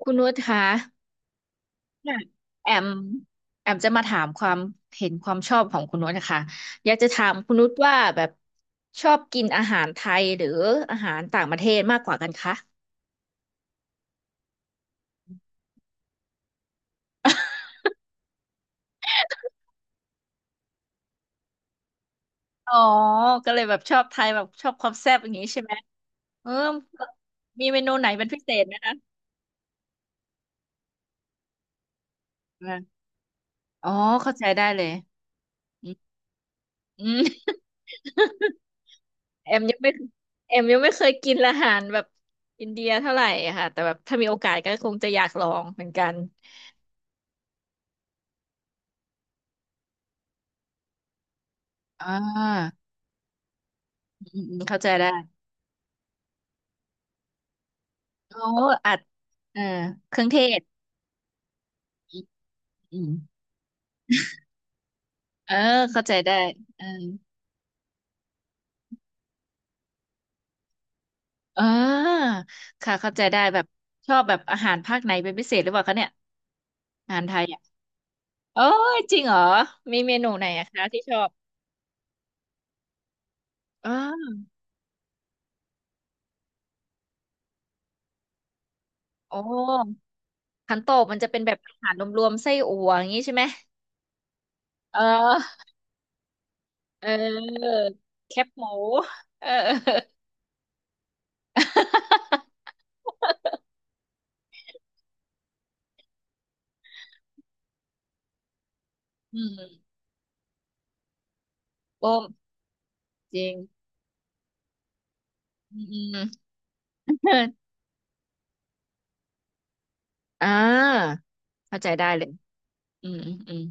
คุณนุชคะค่ะแอมจะมาถามความเห็นความชอบของคุณนุชนะคะอยากจะถามคุณนุชว่าแบบชอบกินอาหารไทยหรืออาหารต่างประเทศมากกว่ากันคะอ๋อก็เลยแบบชอบไทยแบบชอบความแซ่บอย่างนี้ใช่ไหมเออมีเมนูไหนเป็นพิเศษไหมคะอ่าอ๋อเข้าใจได้เลยอืม อืม แอมยังไม่เคยกินอาหารแบบอินเดียเท่าไหร่อะค่ะแต่แบบถ้ามีโอกาสก็คงจะอยากลองเหมือนกันอ่า อืมอืมเข้าใจได้เขาอัดเออเครื่องเทศอืมอืมเออเข้าใจได้เออเออค่ะเข้าใจได้แบบชอบแบบอาหารภาคไหนเป็นพิเศษหรือเปล่าคะเนี่ยอาหารไทยอ่ะโอ้ยจริงเหรอมีเมนูไหนอะคะที่ชอบเออโอ้ขันโตกมันจะเป็นแบบอาหารรวมๆไส้อั่วอย่างนี้ใช่ไหมเออเออแคบหมูเออ อืมโอมจริงอืม อมเอออ่า เข้าใจได้เลยอืมอืมอืม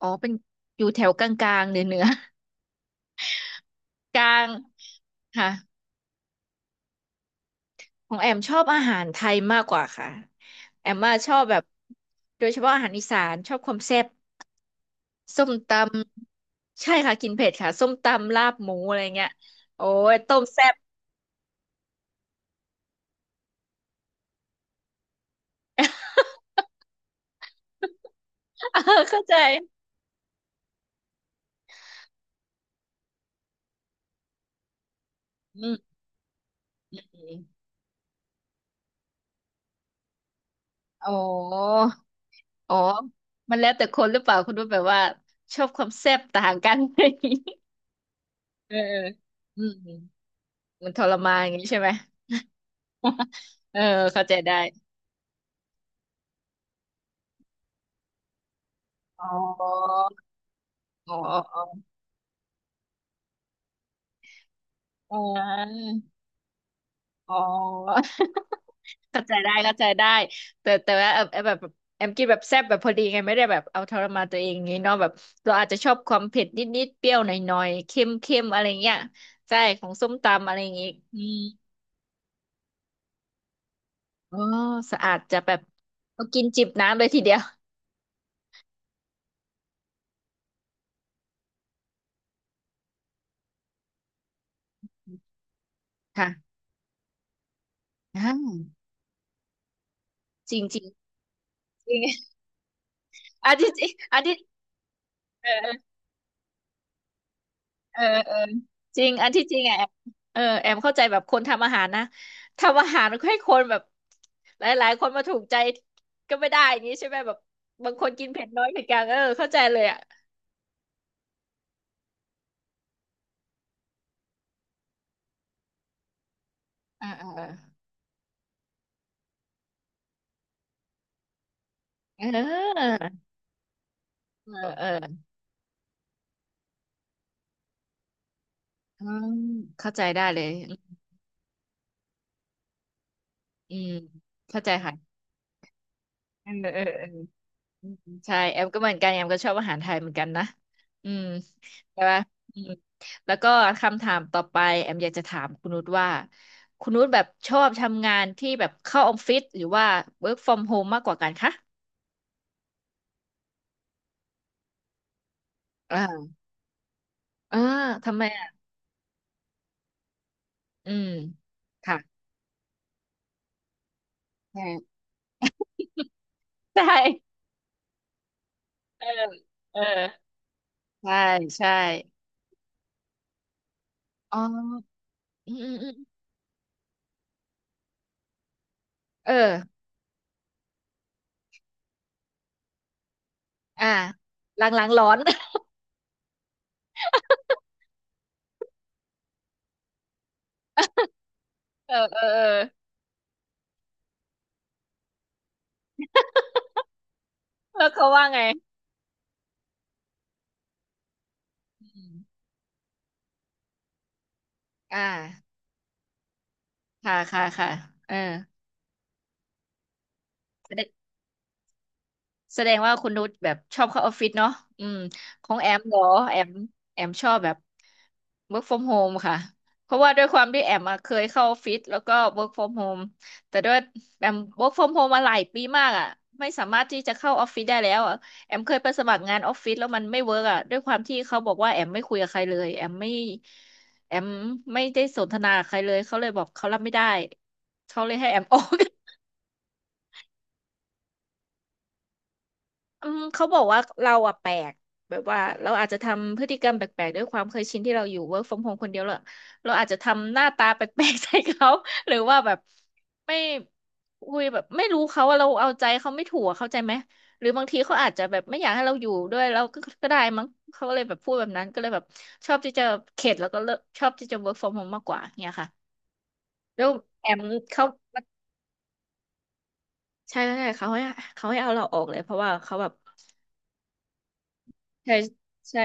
อ๋อ เป็นอยู่แถวกลางๆเหนือ เหนือกลางค่ะ ของแอมชอบอาหารไทยมากกว่าค่ะ แอมมาชอบแบบโดยเฉพาะอาหารอีสานชอบความแซ่บส้มตำใช่ค่ะกินเผ็ดค่ะส้มตำลาบหมูอะไรเงี้ยโอ้ยต้มแซ่บ เข้าใจอืมอืมอ๋ออ๋อมันแล้วแต่คนหรือเปล่าคุณว่าแบบว่าชอบความแซ่บต่างกัน เออเอออืมมันทรมานอย่างนี้ใช่ไหม เออเข้าใจได้อ๋ออ๋ออ๋ออ๋อ อ๋อเข้าใจได้เข้าใจได้แต่ว่าเออเออแบบแอมกินแบบแซ่บแบบพอดีไงไม่ได้แบบเอาทรมานตัวเองงี้เนาะแบบเราอาจจะชอบความเผ็ดนิดๆเปรี้ยวหน่อยๆเค็มเค็มอะไรเงี้ยใช่ของส้มตำอะไรอย่างงี้อืมอ๋อสะอาดจะแบบเอากินจิบน้ำเลยทีเดียวค่ะอ่าจริงจริงจริงอันที่จริงอันที่เออ เออเออจริง อันที่จริงอ่ะแอมเออแอมเข้าใจแบบคนทำอาหารนะ ทำอาหารให้คนแบบหลายๆคนมาถูกใจก็ไม่ได้อย่างนี้ใช่ไหมแบบบางคนกินเผ็ดน้อยเผ็ดกลางเออเข้าใจเลยอ่ะเออเออเออเออเออเอออืมเข้าใจได้เลยอืมเข้าใจค่ะเออเออเออ อืมใช่แอมก็เหมือนกันแอมก็ชอบอาหารไทยเหมือนกันนะอืมใช่ปะอืมแล้วก็คำถามต่อไปแอมอยากจะถามคุณนุชว่าคุณนุชแบบชอบทำงานที่แบบเข้าออฟฟิศหรือว่า work from home มากกว่ากันคะอ่าอ่าทำไมอ่ะอืมค่ะใช่ใช่เออเออใช่ใช่อ๋ออืมอืมอืมเอออ่าหลังๆร้อน เออเออเออแล้วเขาว่าไงอมอ่า ค่ะค่ะค่ะเออแสดงว่าคุณนุชแบบชอบเข้าออฟฟิศเนาะอืมของแอมเหรอแอมชอบแบบ work from home ค่ะเพราะว่าด้วยความที่แอมอะเคยเข้าออฟฟิศแล้วก็ work from home แต่ด้วยแอม work from home มาหลายปีมากอ่ะไม่สามารถที่จะเข้าออฟฟิศได้แล้วอะแอมเคยไปสมัครงานออฟฟิศแล้วมันไม่เวิร์กอ่ะด้วยความที่เขาบอกว่าแอมไม่คุยกับใครเลยแอมไม่แอมไม่ได้สนทนากับใครเลยเขาเลยบอกเขารับไม่ได้เขาเลยให้แอมออก อืมเขาบอกว่าเราอะแปลกแบบว่าเราอาจจะทำพฤติกรรมแปลกๆด้วยความเคยชินที่เราอยู่ work from home คนเดียวเราอาจจะทำหน้าตาแปลกๆ ใส่เขา หรือว่าแบบไม่คุยแบบไม่รู้เขาว่าเราเอาใจเขาไม่ถูกอะเข้าใจไหมหรือบางทีเขาอาจจะแบบไม่อยากให้เราอยู่ด้วยแล้วก็ก็ได้มั้งเขาก็เลยแบบพูดแบบนั้นก็เลยแบบชอบที่จะเข็ดแล้วก็เลิกชอบที่จะ work from home มากกว่าเนี่ยค่ะแล้วแอมเขาใช่ใช่เขาให้เอาเราออกเลยเพราะว่าเขาแบบใช่ใช่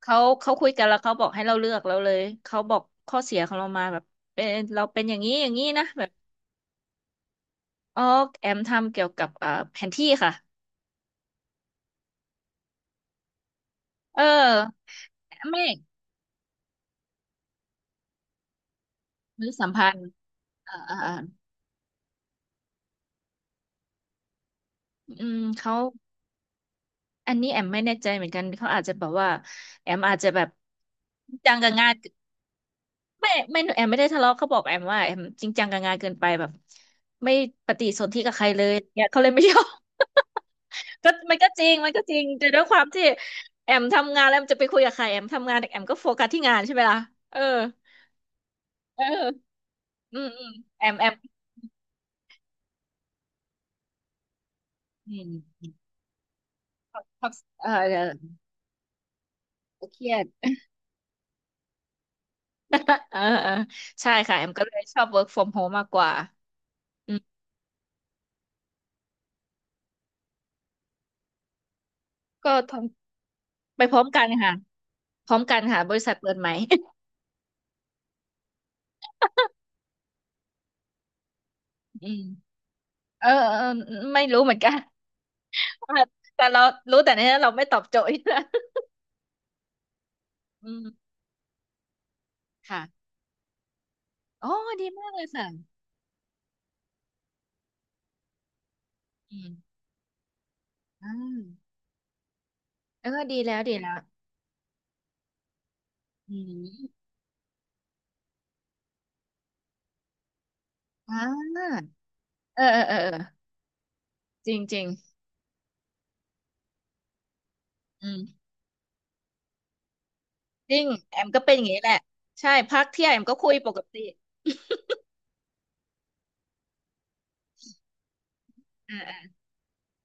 เขาคุยกันแล้วเขาบอกให้เราเลือกเราเลยเขาบอกข้อเสียของเรามาแบบเป็นเราเป็นอย่างนี้อย่างนี้นะแบบอ๋อแอมทำเกี่ยวกับอ่าแผนที่ค่ะเออไม่หรือสัมพันธ์อ่าอ่าอ่าอืมเขาอันนี้แอมไม่แน่ใจเหมือนกันเขาอาจจะแบบว่าแอมอาจจะแบบจริงจังกับงาน ไม่แอมไม่ได้ทะเลาะเขาบอกแอมว่าแอมจริงจังกับงานเกินไปแบบไม่ปฏิสนธิกับใครเลยเนี่ยเขาเลยไม่ชอบ ก็มันก็จริงมันก็จริงแต่ด้วยความที่แอมทำงานแล้วแอมจะไปคุยกับใครแอมทำงานแอมก็โฟกัสที่งานใช่ไหมล่ะเออเอออืมอืมแอมแอมอืมทอกเออเดี๋ยวเครียด เออเออใช่ค่ะแอมก็เลยชอบ work from home มากกว่าอืมก็ทำไปพร้อมกันค่ะพร้อมกันค่ะบริษัทเปิดไหม อืมเออเออไม่รู้เหมือนกัน อ่ะแต่เรารู้แต่เนี้ยเราไม่ตอบโจทย์นะอืมค่ะโอ้ดีมากเลยค่ะอืมอ่าเออดีแล้วดีแล้วอืมอ่าเออเออเออเออจริงจริงอืมจริงแอมก็เป็นอย่างนี้แหละใช่พักเที่ยงแอมก็คุยปกติ เออ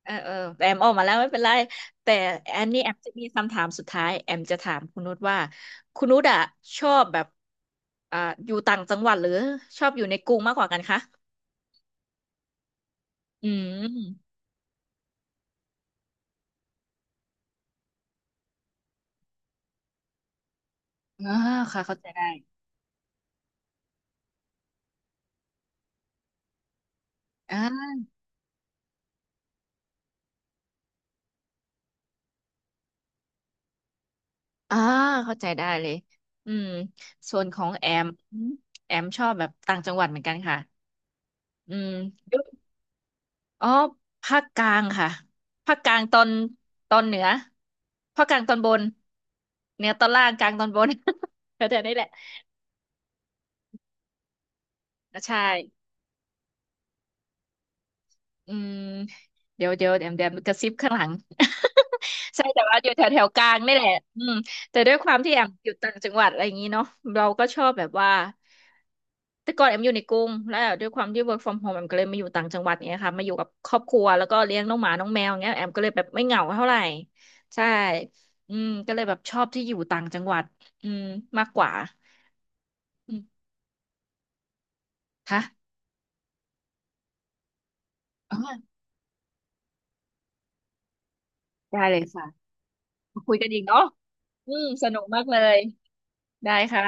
เออเออแต่แอมออกมาแล้วไม่เป็นไรแต่อันนี้แอมจะมีคำถามสุดท้ายแอมจะถามคุณนุชว่าคุณนุชอะชอบแบบอ่าอยู่ต่างจังหวัดหรือชอบอยู่ในกรุงมากกว่ากันคะอืม อ่าค่ะเข้าใจได้อ่าอ่าเข้าใจได้เลยอืมส่วนของแอมแอมชอบแบบต่างจังหวัดเหมือนกันค่ะอืมยุคอ๋อภาคกลางค่ะภาคกลางตอนตอนเหนือภาคกลางตอนบนเหนือตอนล่างกลางตอนบน แถวๆนี้แหละใช่ อืมเดี๋ยวเดี๋ยวเดี๋ยวเดี๋ยวกระซิบข้างหลัง ใช่แต่ว่าอยู่แถวแถวกลางนี่แหละอืมแต่ด้วยความที่แอมอยู่ต่างจังหวัดอะไรอย่างนี้เนาะเราก็ชอบแบบว่าแต่ก่อนแอมอยู่ในกรุงแล้วด้วยความที่ work from home แอมก็เลยมาอยู่ต่างจังหวัดเนี่ยค่ะมาอยู่กับครอบครัวแล้วก็เลี้ยงน้องหมาน้องแมวเงี้ยแอมก็เลยแบบไม่เหงาเท่าไหร่ใช่อืมก็เลยแบบชอบที่อยู่ต่างจังหวัดอืมมากกว่าอืมค่ะอ๋อได้เลยค่ะมาคุยกันอีกเนาะอืมสนุกมากเลยได้ค่ะ